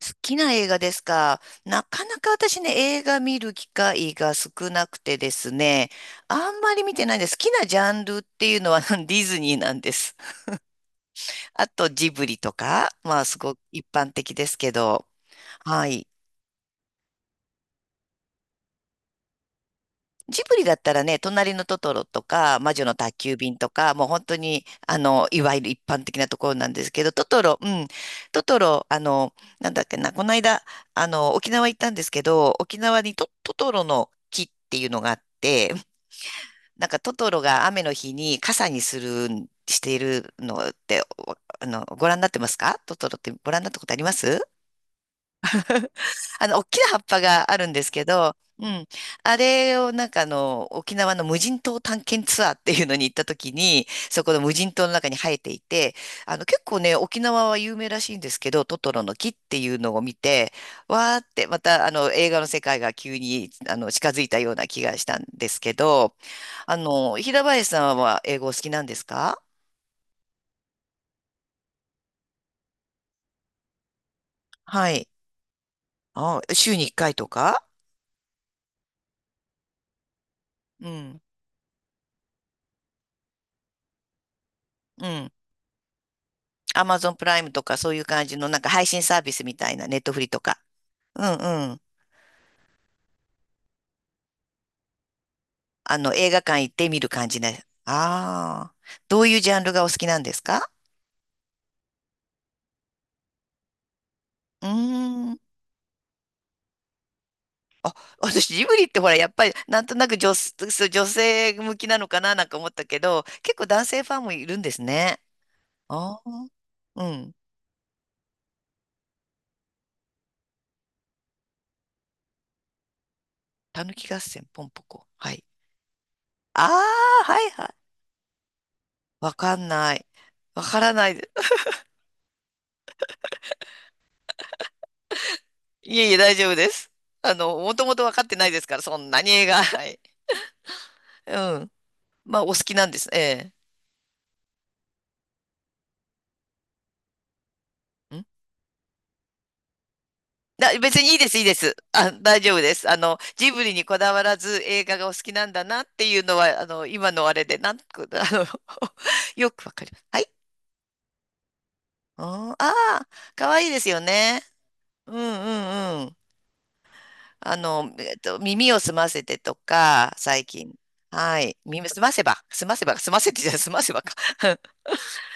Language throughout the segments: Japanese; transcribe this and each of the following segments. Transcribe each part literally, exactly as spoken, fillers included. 好きな映画ですか。なかなか私ね、映画見る機会が少なくてですね、あんまり見てないんです。好きなジャンルっていうのは ディズニーなんです。あとジブリとか、まあすごく一般的ですけど、はい。ジブリだったらね、隣のトトロとか、魔女の宅急便とか、もう本当に、あの、いわゆる一般的なところなんですけど、トトロ、うん、トトロ、あの、なんだっけな、この間、あの、沖縄行ったんですけど、沖縄にト、トトロの木っていうのがあって、なんかトトロが雨の日に傘にするん、しているのって、おあの、ご覧になってますか？トトロってご覧になったことあります？あの、大きな葉っぱがあるんですけど、うん。あれをなんかあの、沖縄の無人島探検ツアーっていうのに行った時に、そこの無人島の中に生えていて、あの、結構ね、沖縄は有名らしいんですけど、トトロの木っていうのを見て、わーってまたあの、映画の世界が急にあの、近づいたような気がしたんですけど、あの、平林さんは英語お好きなんですか？はい。あ、週にいっかいとか？うん。うん。アマゾンプライムとかそういう感じのなんか配信サービスみたいな、ネットフリとか。うんうん。あの、映画館行って見る感じね。ああ。どういうジャンルがお好きなんですか？うーん。あ、私、ジブリってほら、やっぱり、なんとなく女、そう女性向きなのかななんか思ったけど、結構男性ファンもいるんですね。ああ。うん。たぬき合戦、ポンポコ。はい。ああ、はいはい。わかんない。わからない。いえいえ、大丈夫です。あの、もともと分かってないですから、そんなに映画。はい。うん。まあ、お好きなんです。ええ。んだ、別にいいです、いいです。あ、大丈夫です。あの、ジブリにこだわらず映画がお好きなんだなっていうのは、あの、今のあれで、なんく、あの、よくわかります。はい。うんああ、かわいいですよね。うんうんうん。あの、えっと、耳をすませてとか、最近。はい。耳すませば、すませば、すませてじゃない、すませばか。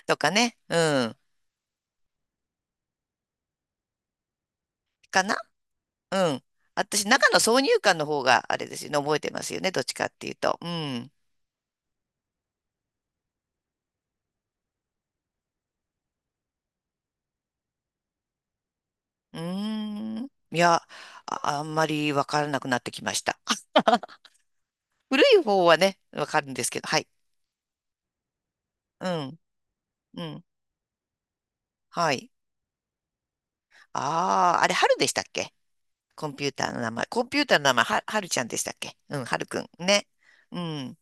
とかね。うん。かなうん。私、中の挿入感の方があれですよね、覚えてますよね、どっちかっていうと。うん。うーん。いや、あ、あんまりわからなくなってきました。古い方はね、わかるんですけど、はい。うん。うん。はい。ああ、あれ、春でしたっけ？コンピューターの名前。コンピューターの名前、は、はるちゃんでしたっけ？うん、はるくん。ね。うん。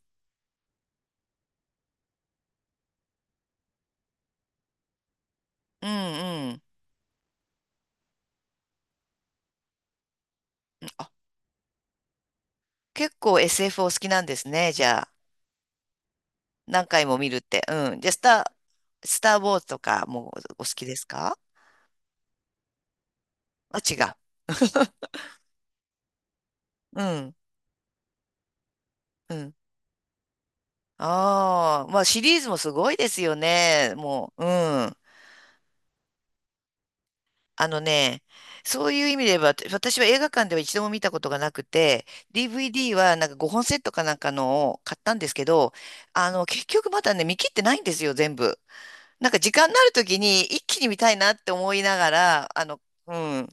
うん、うん。あ、結構 エスエフ お好きなんですね、じゃあ。何回も見るって。うん。じゃあ、スター、スター・ウォーズとかもお好きですか？あ、違う。うん、うん。ああ、まあシリーズもすごいですよね。もう、うん。あのね、そういう意味で言えば、私私は映画館では一度も見たことがなくて、ディーブイディー はなんかごほんセットかなんかのを買ったんですけど、あの、結局まだね、見切ってないんですよ、全部。なんか時間になるときに一気に見たいなって思いながら、あの、うん。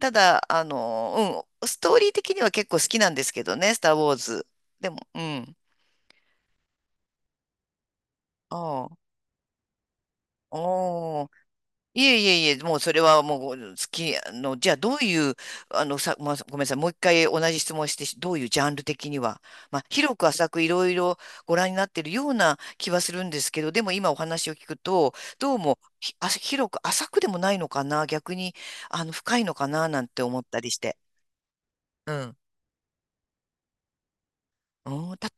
ただ、あの、うん、ストーリー的には結構好きなんですけどね、スター・ウォーズ。でも、うん。ああ、おいえいえいえ、もうそれはもう好き、あの、じゃあどういう、あの、さ、まあ、ごめんなさい、もう一回同じ質問してどういうジャンル的には、まあ、広く浅くいろいろご覧になってるような気はするんですけど、でも今お話を聞くと、どうもひ、あ、広く浅くでもないのかな、逆に、あの、深いのかな、なんて思ったりして。うん。うん、た、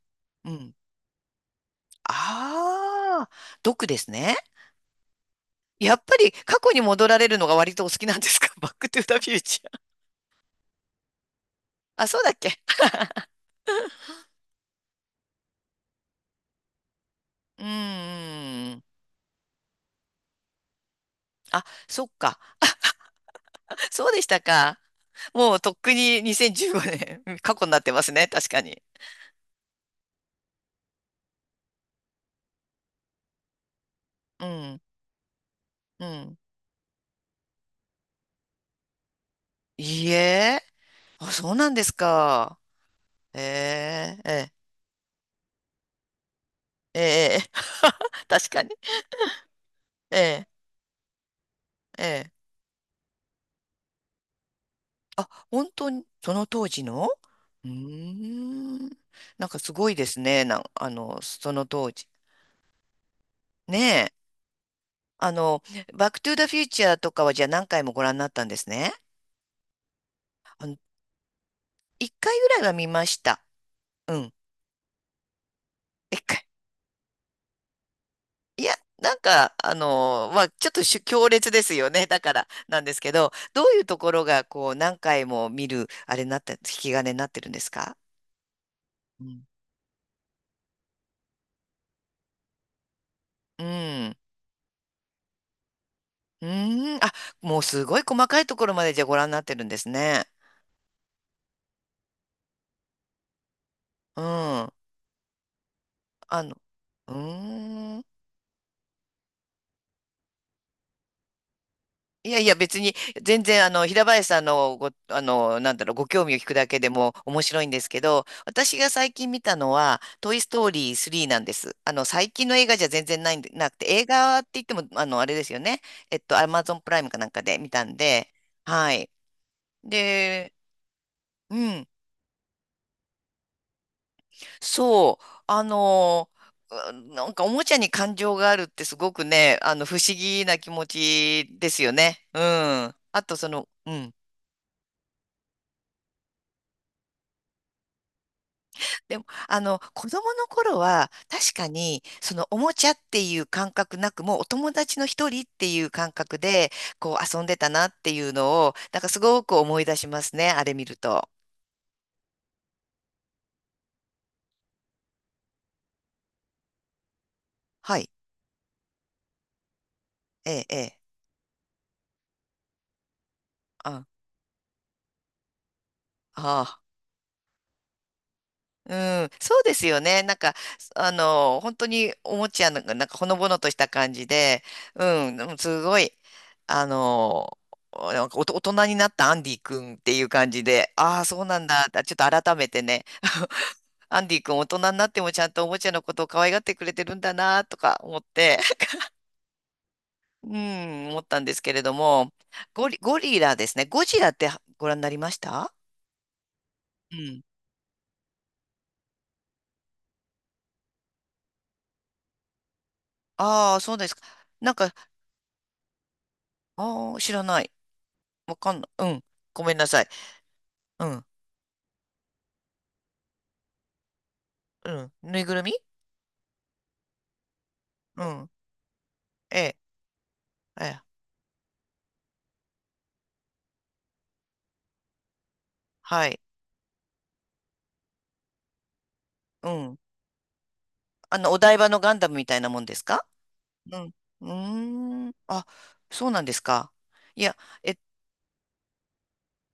うん。ああ、毒ですね。やっぱり過去に戻られるのが割とお好きなんですか？ バックトゥーザフューチャー。あ、そうだっけ？うんうんうんあ、そっか。そうでしたか。もうとっくににせんじゅうごねん、過去になってますね。確かに。うん。うん。いいえ。あ、そうなんですか。ええ、ええ、ええ。確かに。ええ、ええ。あ、本当に、その当時の？うーん。なんかすごいですね。なん、あの、その当時。ねえ。あの、バックトゥーザフューチャーとかはじゃあ何回もご覧になったんですね。あの、一回ぐらいは見ました。うん。一回いや、なんか、あのーまあ、ちょっとしゅ強烈ですよね。だから、なんですけど、どういうところが、こう、何回も見る、あれになって、引き金になってるんですか？うんうん。うーん。あ、もうすごい細かいところまでじゃあご覧になってるんですね。うん。あの、うーん。いやいや、別に、全然、あの、平林さんの、ご、あの、なんだろう、ご興味を聞くだけでも面白いんですけど、私が最近見たのは、トイ・ストーリースリーなんです。あの、最近の映画じゃ全然ないんで、なくて、映画って言っても、あの、あれですよね。えっと、アマゾンプライムかなんかで見たんで、はい。で、うん、そう、あの、うんなんかおもちゃに感情があるってすごくね、あの、不思議な気持ちですよね。うん。あと、その、うん。でも、あの、子供の頃は、確かに、そのおもちゃっていう感覚なく、もうお友達の一人っていう感覚で、こう遊んでたなっていうのを、なんかすごく思い出しますね、あれ見ると。はい。ええ、ええ。ああ、うん、そうですよね。なんか、あの、本当におもちゃの、なんかほのぼのとした感じで、うん、でもすごい、あの、なんかおと大人になったアンディ君っていう感じで、ああ、そうなんだ、あちょっと改めてね、アンディ君大人になってもちゃんとおもちゃのことを可愛がってくれてるんだなとか思って、うん、思ったんですけれども、ゴリ、ゴリラですね。ゴジラってご覧になりました？うん。ああ、そうですか。なんか、ああ、知らない。わかんない。うん。ごめんなさい。うん。うん。ぬいぐるみ？うん。ええ。ええ。はい。うん。あの、お台場のガンダムみたいなもんですか？うん。うーん。あ、そうなんですか。いや、え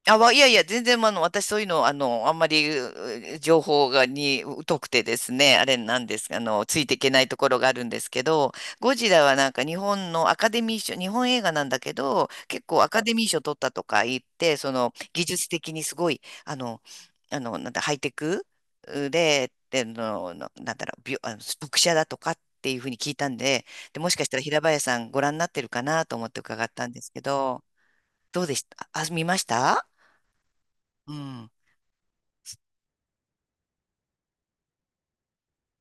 あ、わいやいや、全然、あの、私そういうの、あの、あんまり、う情報が、に、疎くてですね、あれなんです、あの、ついていけないところがあるんですけど、ゴジラはなんか日本のアカデミー賞、日本映画なんだけど、結構アカデミー賞取ったとか言って、その、技術的にすごい、あの、あの、なんだ、ハイテクうで、で、の、のなんだろう、びょ、あの、読者だとかっていうふうに聞いたんで、で、もしかしたら平林さんご覧になってるかなと思って伺ったんですけど、どうでした？あ、見ました？うん。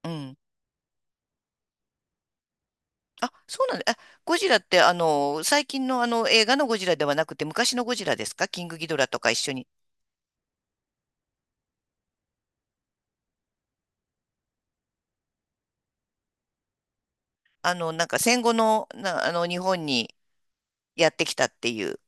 うん。あ、そうなんだ。あ、ゴジラって、あの、最近のあの映画のゴジラではなくて、昔のゴジラですか？キングギドラとか一緒に。あの、なんか戦後の、な、あの、日本にやってきたっていう。